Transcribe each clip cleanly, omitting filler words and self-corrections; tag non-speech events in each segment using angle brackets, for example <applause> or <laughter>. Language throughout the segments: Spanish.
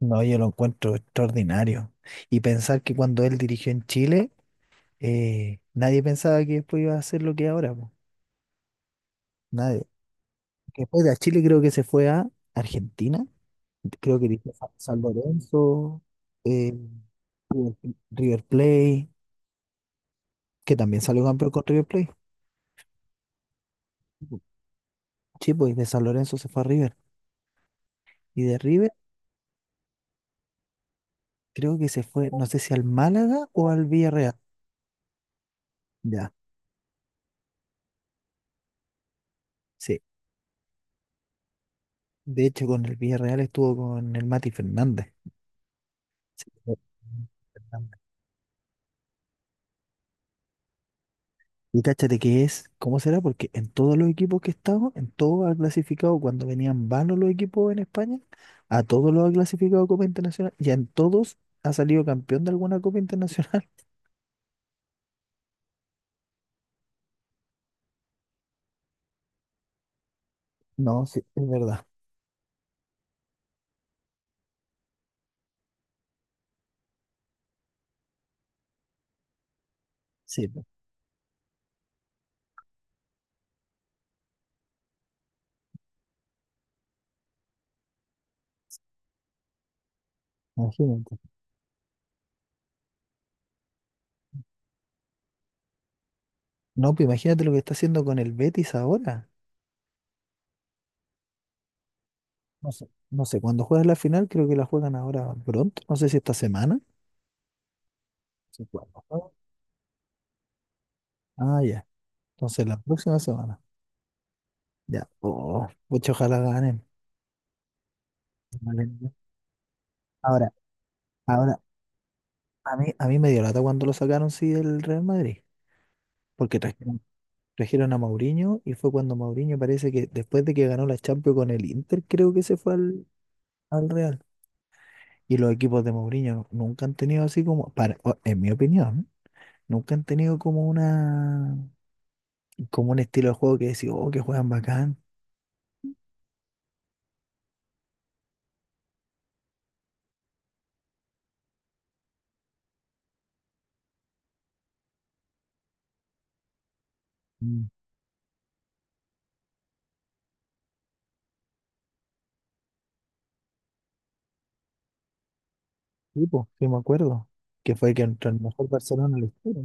No, yo lo encuentro extraordinario. Y pensar que cuando él dirigió en Chile, nadie pensaba que después iba a hacer lo que es ahora, po. Nadie. Después de Chile creo que se fue a Argentina, creo que dirigió San Lorenzo, eh, River River Plate, que también salió campeón con River Plate. Sí, pues de San Lorenzo se fue a River. Y de River creo que se fue, no sé si al Málaga o al Villarreal. Ya, sí. De hecho, con el Villarreal estuvo con el Mati Fernández. Sí. Y cáchate que es, ¿cómo será? Porque en todos los equipos que he estado, en todos ha clasificado, cuando venían vanos los equipos en España, a todos los ha clasificado Copa Internacional y en todos ha salido campeón de alguna Copa Internacional. <laughs> No, sí, es verdad. Sí, pues, imagínate. No, pues imagínate lo que está haciendo con el Betis ahora. No sé, no sé, cuando juegan la final, creo que la juegan ahora pronto, no sé si esta semana. Sí, cuándo juegan. Ah, ya, entonces la próxima semana. Ya, oh, pucha, ojalá ganen. Vale. Ahora, ahora, a mí me dio lata cuando lo sacaron, sí, del Real Madrid, porque trajeron a Mourinho y fue cuando Mourinho parece que después de que ganó la Champions con el Inter, creo que se fue al Real. Y los equipos de Mourinho nunca han tenido así como, para, en mi opinión, nunca han tenido como como un estilo de juego que decía, oh, que juegan bacán. Tipo, sí, po, sí me acuerdo, que fue que entró el mejor Barcelona en la historia.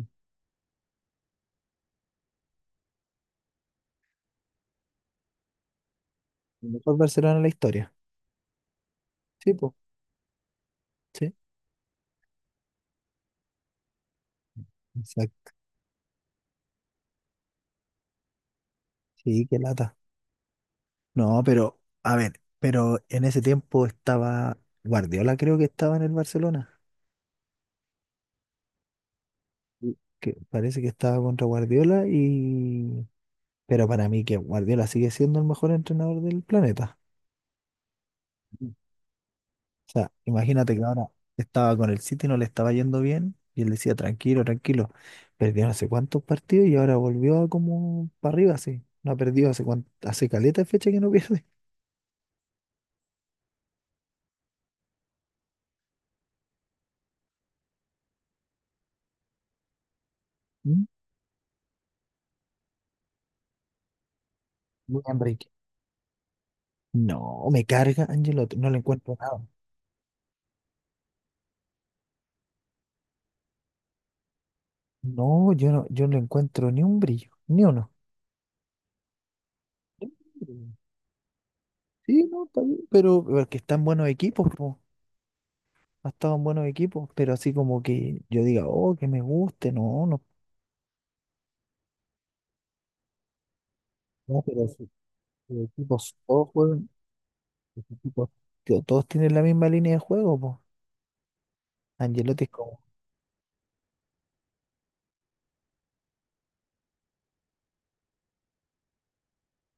El mejor Barcelona en la historia. Sí, po, sí, exacto. Sí, qué lata. No, pero, a ver, pero en ese tiempo estaba Guardiola, creo que estaba en el Barcelona. Sí. Que parece que estaba contra Guardiola y… Pero para mí que Guardiola sigue siendo el mejor entrenador del planeta. O sea, imagínate que ahora estaba con el City, no le estaba yendo bien y él decía, tranquilo, tranquilo. Perdió no sé cuántos partidos y ahora volvió a como para arriba, así. No ha perdido hace cuánto, hace caleta de fecha que no pierde. ¿Mm? Luis Enrique. No, me carga Angelotti, no le encuentro nada. No, yo no le encuentro ni un brillo, ni uno. Sí, no, está bien, pero porque están buenos equipos, po, ha estado en buenos equipos, pero así como que yo diga, oh, que me guste, no, no, no, pero si equipos todos juegan, equipos, tío, todos tienen la misma línea de juego, pues. Angelotti es como,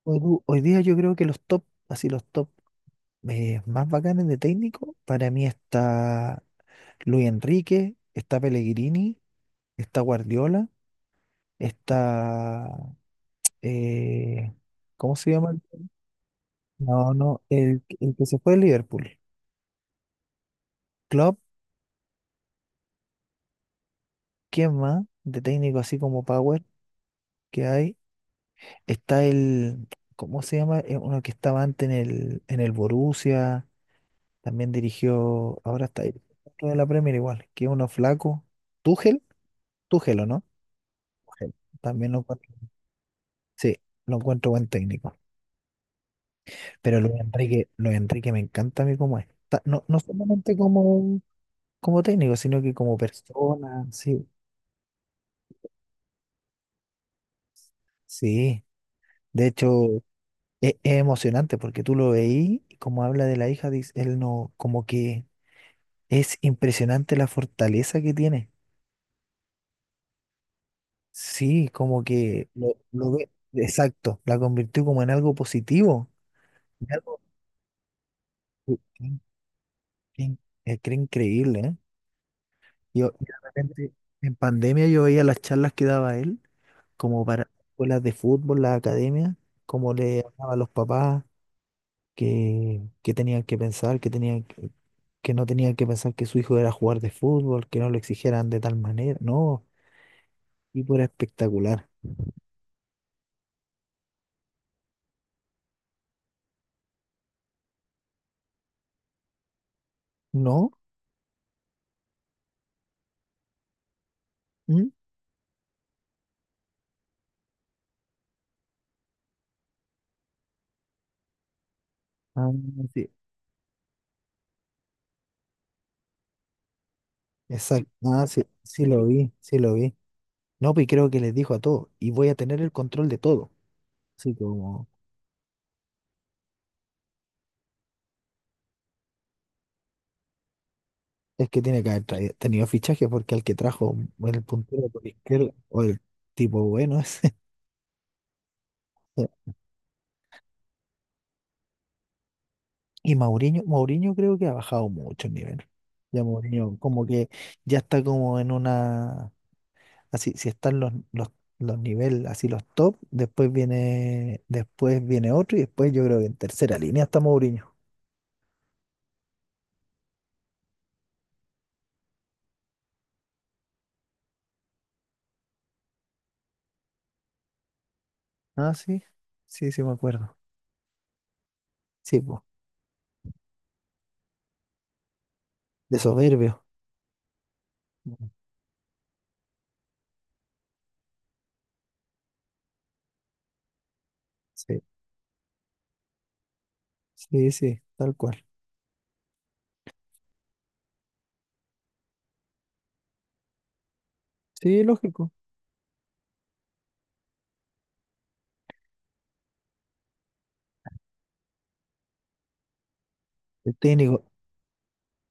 hoy, hoy día yo creo que los top, así los top más bacanes de técnico, para mí está Luis Enrique, está Pellegrini, está Guardiola, está eh, ¿cómo se llama? No, no, el que se fue de Liverpool. Klopp, ¿quién más? De técnico así como Power que hay. Está ¿cómo se llama? Uno que estaba antes en en el Borussia, también dirigió, ahora está ahí, otro de la Premier igual, que es uno flaco. Tuchel, Tuchel, ¿o no? Tuchel. También lo encuentro, sí, lo encuentro buen técnico. Pero Luis Enrique, Luis Enrique me encanta a mí como es. No, no solamente como, como técnico, sino que como persona, sí. Sí, de hecho es, emocionante porque tú lo veí y como habla de la hija, dice, él no, como que es impresionante la fortaleza que tiene. Sí, como que lo ve, exacto, la convirtió como en algo positivo. En algo que- que- que- que era increíble, ¿eh? Yo de repente en pandemia yo veía las charlas que daba él, como para escuelas de fútbol, la academia, como le hablaba a los papás que tenían que pensar, que no tenían que pensar que su hijo era jugar de fútbol, que no lo exigieran de tal manera. No, tipo era espectacular. ¿No? ¿Mm? Ah, sí. Exacto. Ah, sí, sí lo vi. No, pues creo que les dijo a todos, y voy a tener el control de todo. Así como, es que tiene que haber tenido fichaje porque al que trajo el puntero por izquierda, o el tipo bueno ese. <laughs> Y Mourinho, Mourinho creo que ha bajado mucho el nivel. Ya Mourinho como que ya está como en una, así, si están los niveles, así los top, después viene otro y después yo creo que en tercera línea está Mourinho. Ah, sí, sí, sí me acuerdo. Sí, pues, de soberbio. Mm. Sí, sí, sí, tal cual. Sí, lógico. El técnico,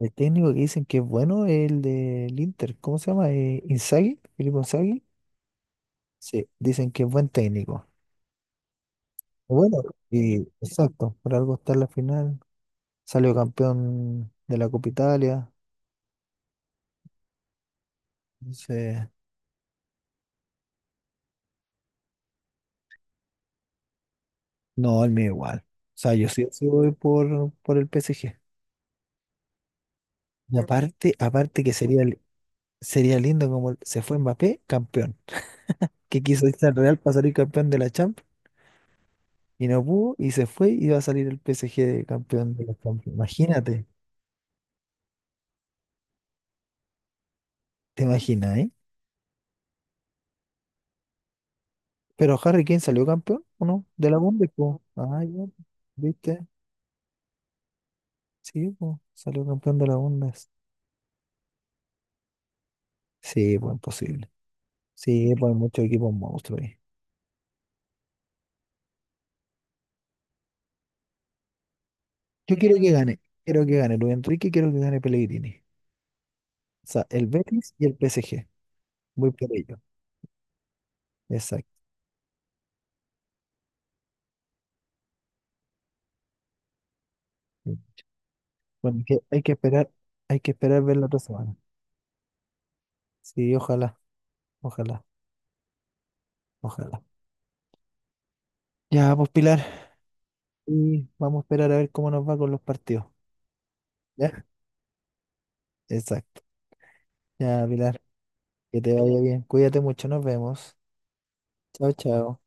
el técnico que dicen que es bueno es el del Inter, ¿cómo se llama? Inzaghi, Filippo Inzaghi. Sí, dicen que es buen técnico. Bueno, y exacto, por algo está en la final. Salió campeón de la Copa Italia. Entonces, no, el mío igual. O sea, yo sí, sí voy por el P S G Y aparte, aparte que sería, sería lindo como se fue Mbappé campeón. Que quiso irse al Real para salir campeón de la Champions y no pudo y se fue y va a salir el P PSG de campeón de la Champions. Imagínate, te imaginas, ¿eh? Pero Harry Kane salió campeón, ¿o no? De la Bundesliga. Ah, ya, ¿viste? Sí, po, salió campeón de la Bundesliga. Sí, pues imposible. Sí, pues hay muchos equipos monstruos ahí. Yo quiero que gane. Quiero que gane Luis Enrique, quiero que gane Pellegrini. O sea, el Betis y el PSG. Voy por ello. Exacto. Bueno, que hay que esperar ver la otra semana. Sí, ojalá, ojalá, ojalá. Ya, pues Pilar, y vamos a esperar a ver cómo nos va con los partidos. ¿Ya? Exacto. Ya, Pilar, que te vaya bien. Cuídate mucho, nos vemos. Chao, chao.